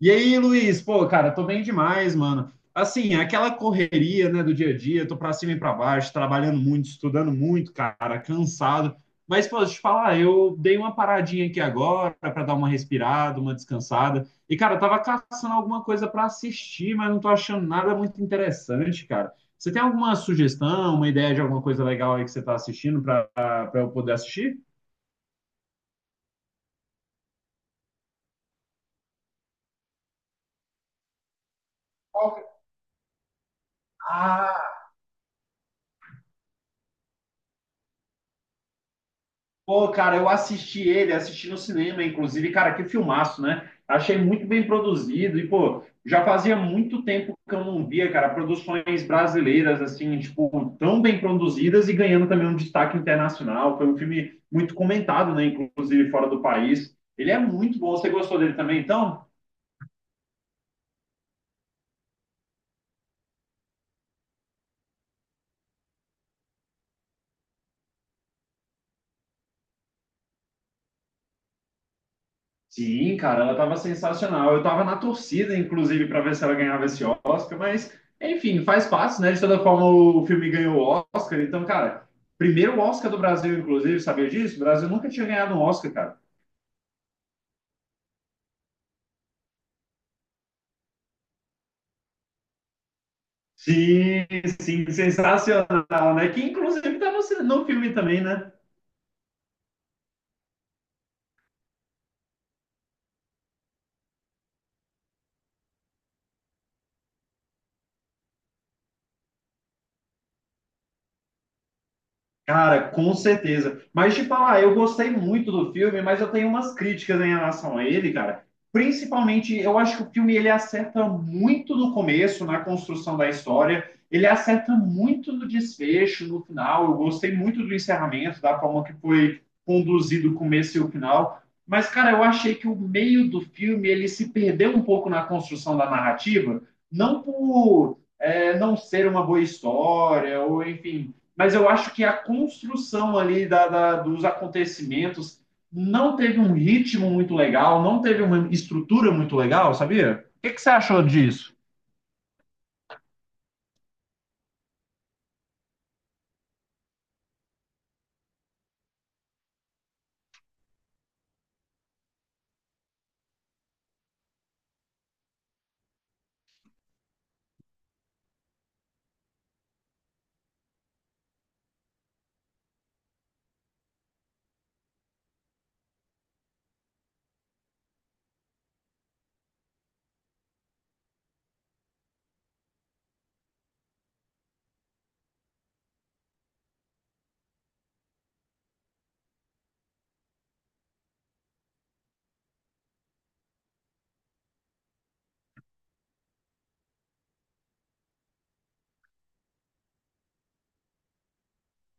E aí, Luiz, pô, cara, tô bem demais, mano. Assim, aquela correria, né, do dia a dia, tô pra cima e pra baixo, trabalhando muito, estudando muito, cara, cansado. Mas, pô, deixa eu te falar, eu dei uma paradinha aqui agora pra dar uma respirada, uma descansada. E, cara, eu tava caçando alguma coisa pra assistir, mas não tô achando nada muito interessante, cara. Você tem alguma sugestão, uma ideia de alguma coisa legal aí que você tá assistindo pra eu poder assistir? Ah. Pô, cara, eu assisti ele, assisti no cinema, inclusive, cara, que filmaço, né? Achei muito bem produzido e, pô, já fazia muito tempo que eu não via, cara, produções brasileiras, assim, tipo, tão bem produzidas e ganhando também um destaque internacional. Foi um filme muito comentado, né? Inclusive fora do país. Ele é muito bom. Você gostou dele também, então? Sim, cara, ela estava sensacional. Eu estava na torcida, inclusive, para ver se ela ganhava esse Oscar, mas, enfim, faz parte, né? De toda forma, o filme ganhou o Oscar. Então, cara, primeiro Oscar do Brasil, inclusive, sabia disso? O Brasil nunca tinha ganhado um Oscar, cara. Sim, sim, sensacional, né? Que, inclusive, tá no, no filme também, né? Cara, com certeza. Mas te falar, eu gostei muito do filme, mas eu tenho umas críticas em relação a ele, cara. Principalmente, eu acho que o filme ele acerta muito no começo, na construção da história. Ele acerta muito no desfecho, no final. Eu gostei muito do encerramento, da forma que foi conduzido o começo e o final. Mas, cara, eu achei que o meio do filme ele se perdeu um pouco na construção da narrativa, não não ser uma boa história, ou enfim, mas eu acho que a construção ali dos acontecimentos não teve um ritmo muito legal, não teve uma estrutura muito legal, sabia? O que você achou disso?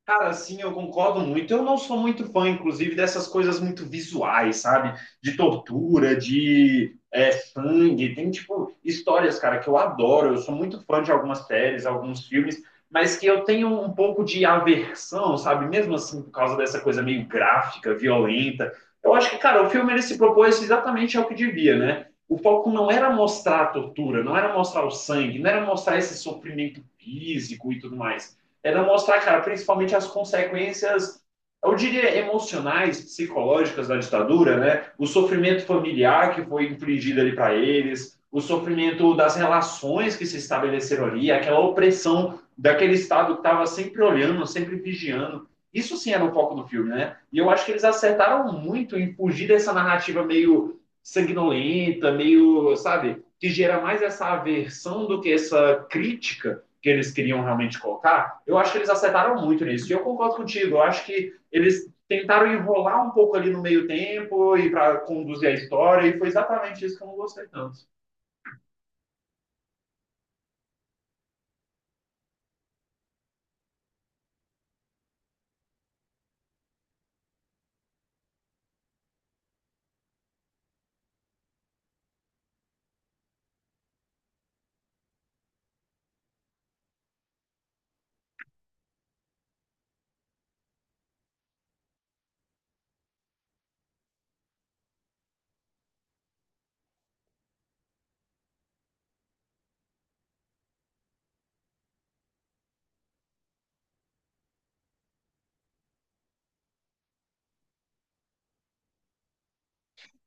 Cara, sim, eu concordo muito. Eu não sou muito fã, inclusive, dessas coisas muito visuais, sabe? De tortura, sangue. Tem, tipo, histórias, cara, que eu adoro. Eu sou muito fã de algumas séries, alguns filmes, mas que eu tenho um pouco de aversão, sabe? Mesmo assim, por causa dessa coisa meio gráfica, violenta. Eu acho que, cara, o filme ele se propôs exatamente ao que devia, né? O foco não era mostrar a tortura, não era mostrar o sangue, não era mostrar esse sofrimento físico e tudo mais, não mostrar, cara, principalmente as consequências, eu diria, emocionais, psicológicas da ditadura, né? O sofrimento familiar que foi infligido ali para eles, o sofrimento das relações que se estabeleceram ali, aquela opressão daquele Estado que estava sempre olhando, sempre vigiando. Isso sim era o foco do filme, né? E eu acho que eles acertaram muito em fugir dessa narrativa meio sanguinolenta, meio, sabe, que gera mais essa aversão do que essa crítica que eles queriam realmente colocar, eu acho que eles acertaram muito nisso. E eu concordo contigo, eu acho que eles tentaram enrolar um pouco ali no meio tempo e para conduzir a história, e foi exatamente isso que eu não gostei tanto.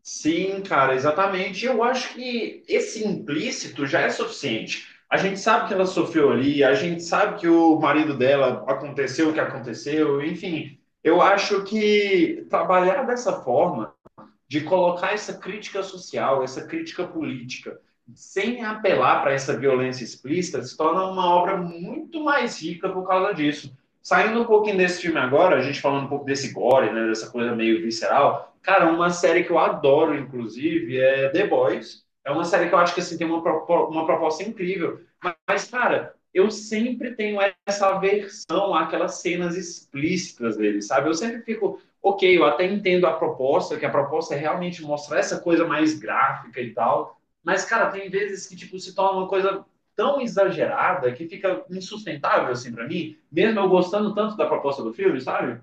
Sim, cara, exatamente. Eu acho que esse implícito já é suficiente. A gente sabe que ela sofreu ali, a gente sabe que o marido dela aconteceu o que aconteceu, enfim. Eu acho que trabalhar dessa forma de colocar essa crítica social, essa crítica política, sem apelar para essa violência explícita, se torna uma obra muito mais rica por causa disso. Saindo um pouquinho desse filme agora, a gente falando um pouco desse gore, né, dessa coisa meio visceral, cara, uma série que eu adoro, inclusive, é The Boys. É uma série que eu acho que assim, tem uma proposta incrível, mas, cara, eu sempre tenho essa aversão àquelas cenas explícitas dele, sabe? Eu sempre fico, ok, eu até entendo a proposta, que a proposta é realmente mostrar essa coisa mais gráfica e tal, mas, cara, tem vezes que, tipo, se torna uma coisa tão exagerada que fica insustentável, assim, para mim, mesmo eu gostando tanto da proposta do filme, sabe?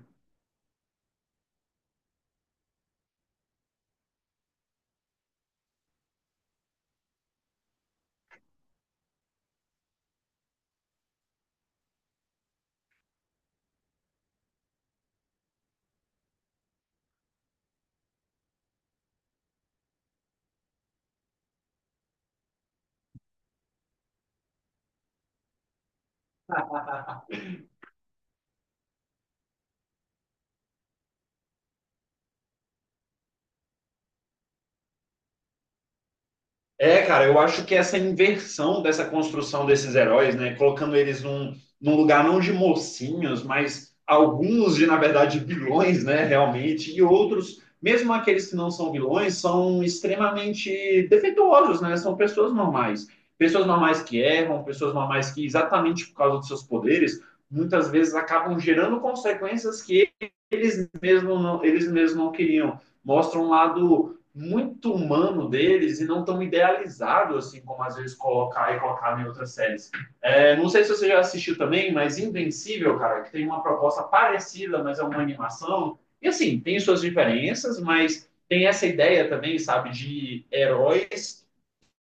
É, cara, eu acho que essa inversão dessa construção desses heróis, né, colocando eles num lugar não de mocinhos, mas alguns de, na verdade, vilões, né, realmente, e outros, mesmo aqueles que não são vilões, são extremamente defeituosos, né, são pessoas normais. Pessoas normais que erram, pessoas normais que, exatamente por causa dos seus poderes, muitas vezes acabam gerando consequências que eles mesmos não queriam. Mostra um lado muito humano deles e não tão idealizado, assim, como às vezes colocar e colocar em outras séries. É, não sei se você já assistiu também, mas Invencível, cara, que tem uma proposta parecida, mas é uma animação. E assim, tem suas diferenças, mas tem essa ideia também, sabe, de heróis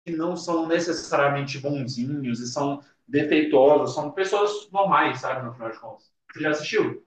que não são necessariamente bonzinhos e são defeituosos, são pessoas normais, sabe, no final de contas. Você já assistiu?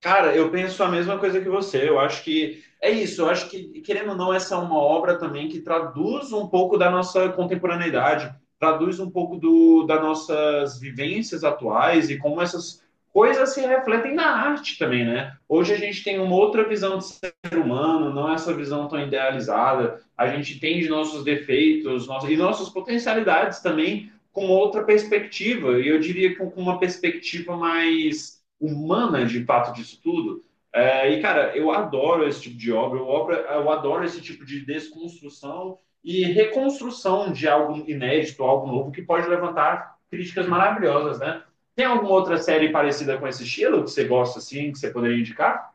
Cara, eu penso a mesma coisa que você. Eu acho que é isso. Eu acho que, querendo ou não, essa é uma obra também que traduz um pouco da nossa contemporaneidade, traduz um pouco das nossas vivências atuais e como essas coisas se refletem na arte também, né? Hoje a gente tem uma outra visão de ser humano, não é essa visão tão idealizada. A gente tem de nossos defeitos nossas, e nossas potencialidades também com outra perspectiva. E eu diria que com uma perspectiva mais humana de fato disso tudo. É, e, cara, eu adoro esse tipo de obra, eu adoro esse tipo de desconstrução e reconstrução de algo inédito, algo novo, que pode levantar críticas maravilhosas, né? Tem alguma outra série parecida com esse estilo que você gosta, assim, que você poderia indicar?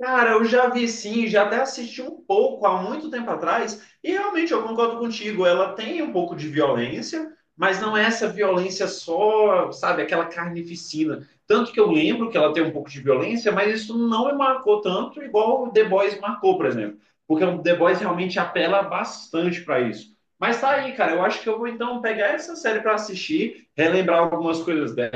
Cara, eu já vi sim, já até assisti um pouco há muito tempo atrás, e realmente eu concordo contigo, ela tem um pouco de violência, mas não é essa violência só, sabe, aquela carnificina. Tanto que eu lembro que ela tem um pouco de violência, mas isso não me marcou tanto igual o The Boys marcou, por exemplo. Porque o The Boys realmente apela bastante para isso. Mas tá aí, cara, eu acho que eu vou então pegar essa série para assistir, relembrar algumas coisas dela,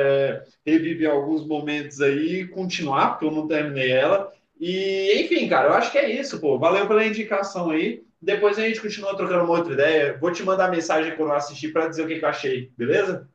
é, reviver alguns momentos aí e continuar, porque eu não terminei ela. E, enfim, cara, eu acho que é isso, pô. Valeu pela indicação aí. Depois a gente continua trocando uma outra ideia. Vou te mandar mensagem quando eu assistir para dizer o que eu achei, beleza?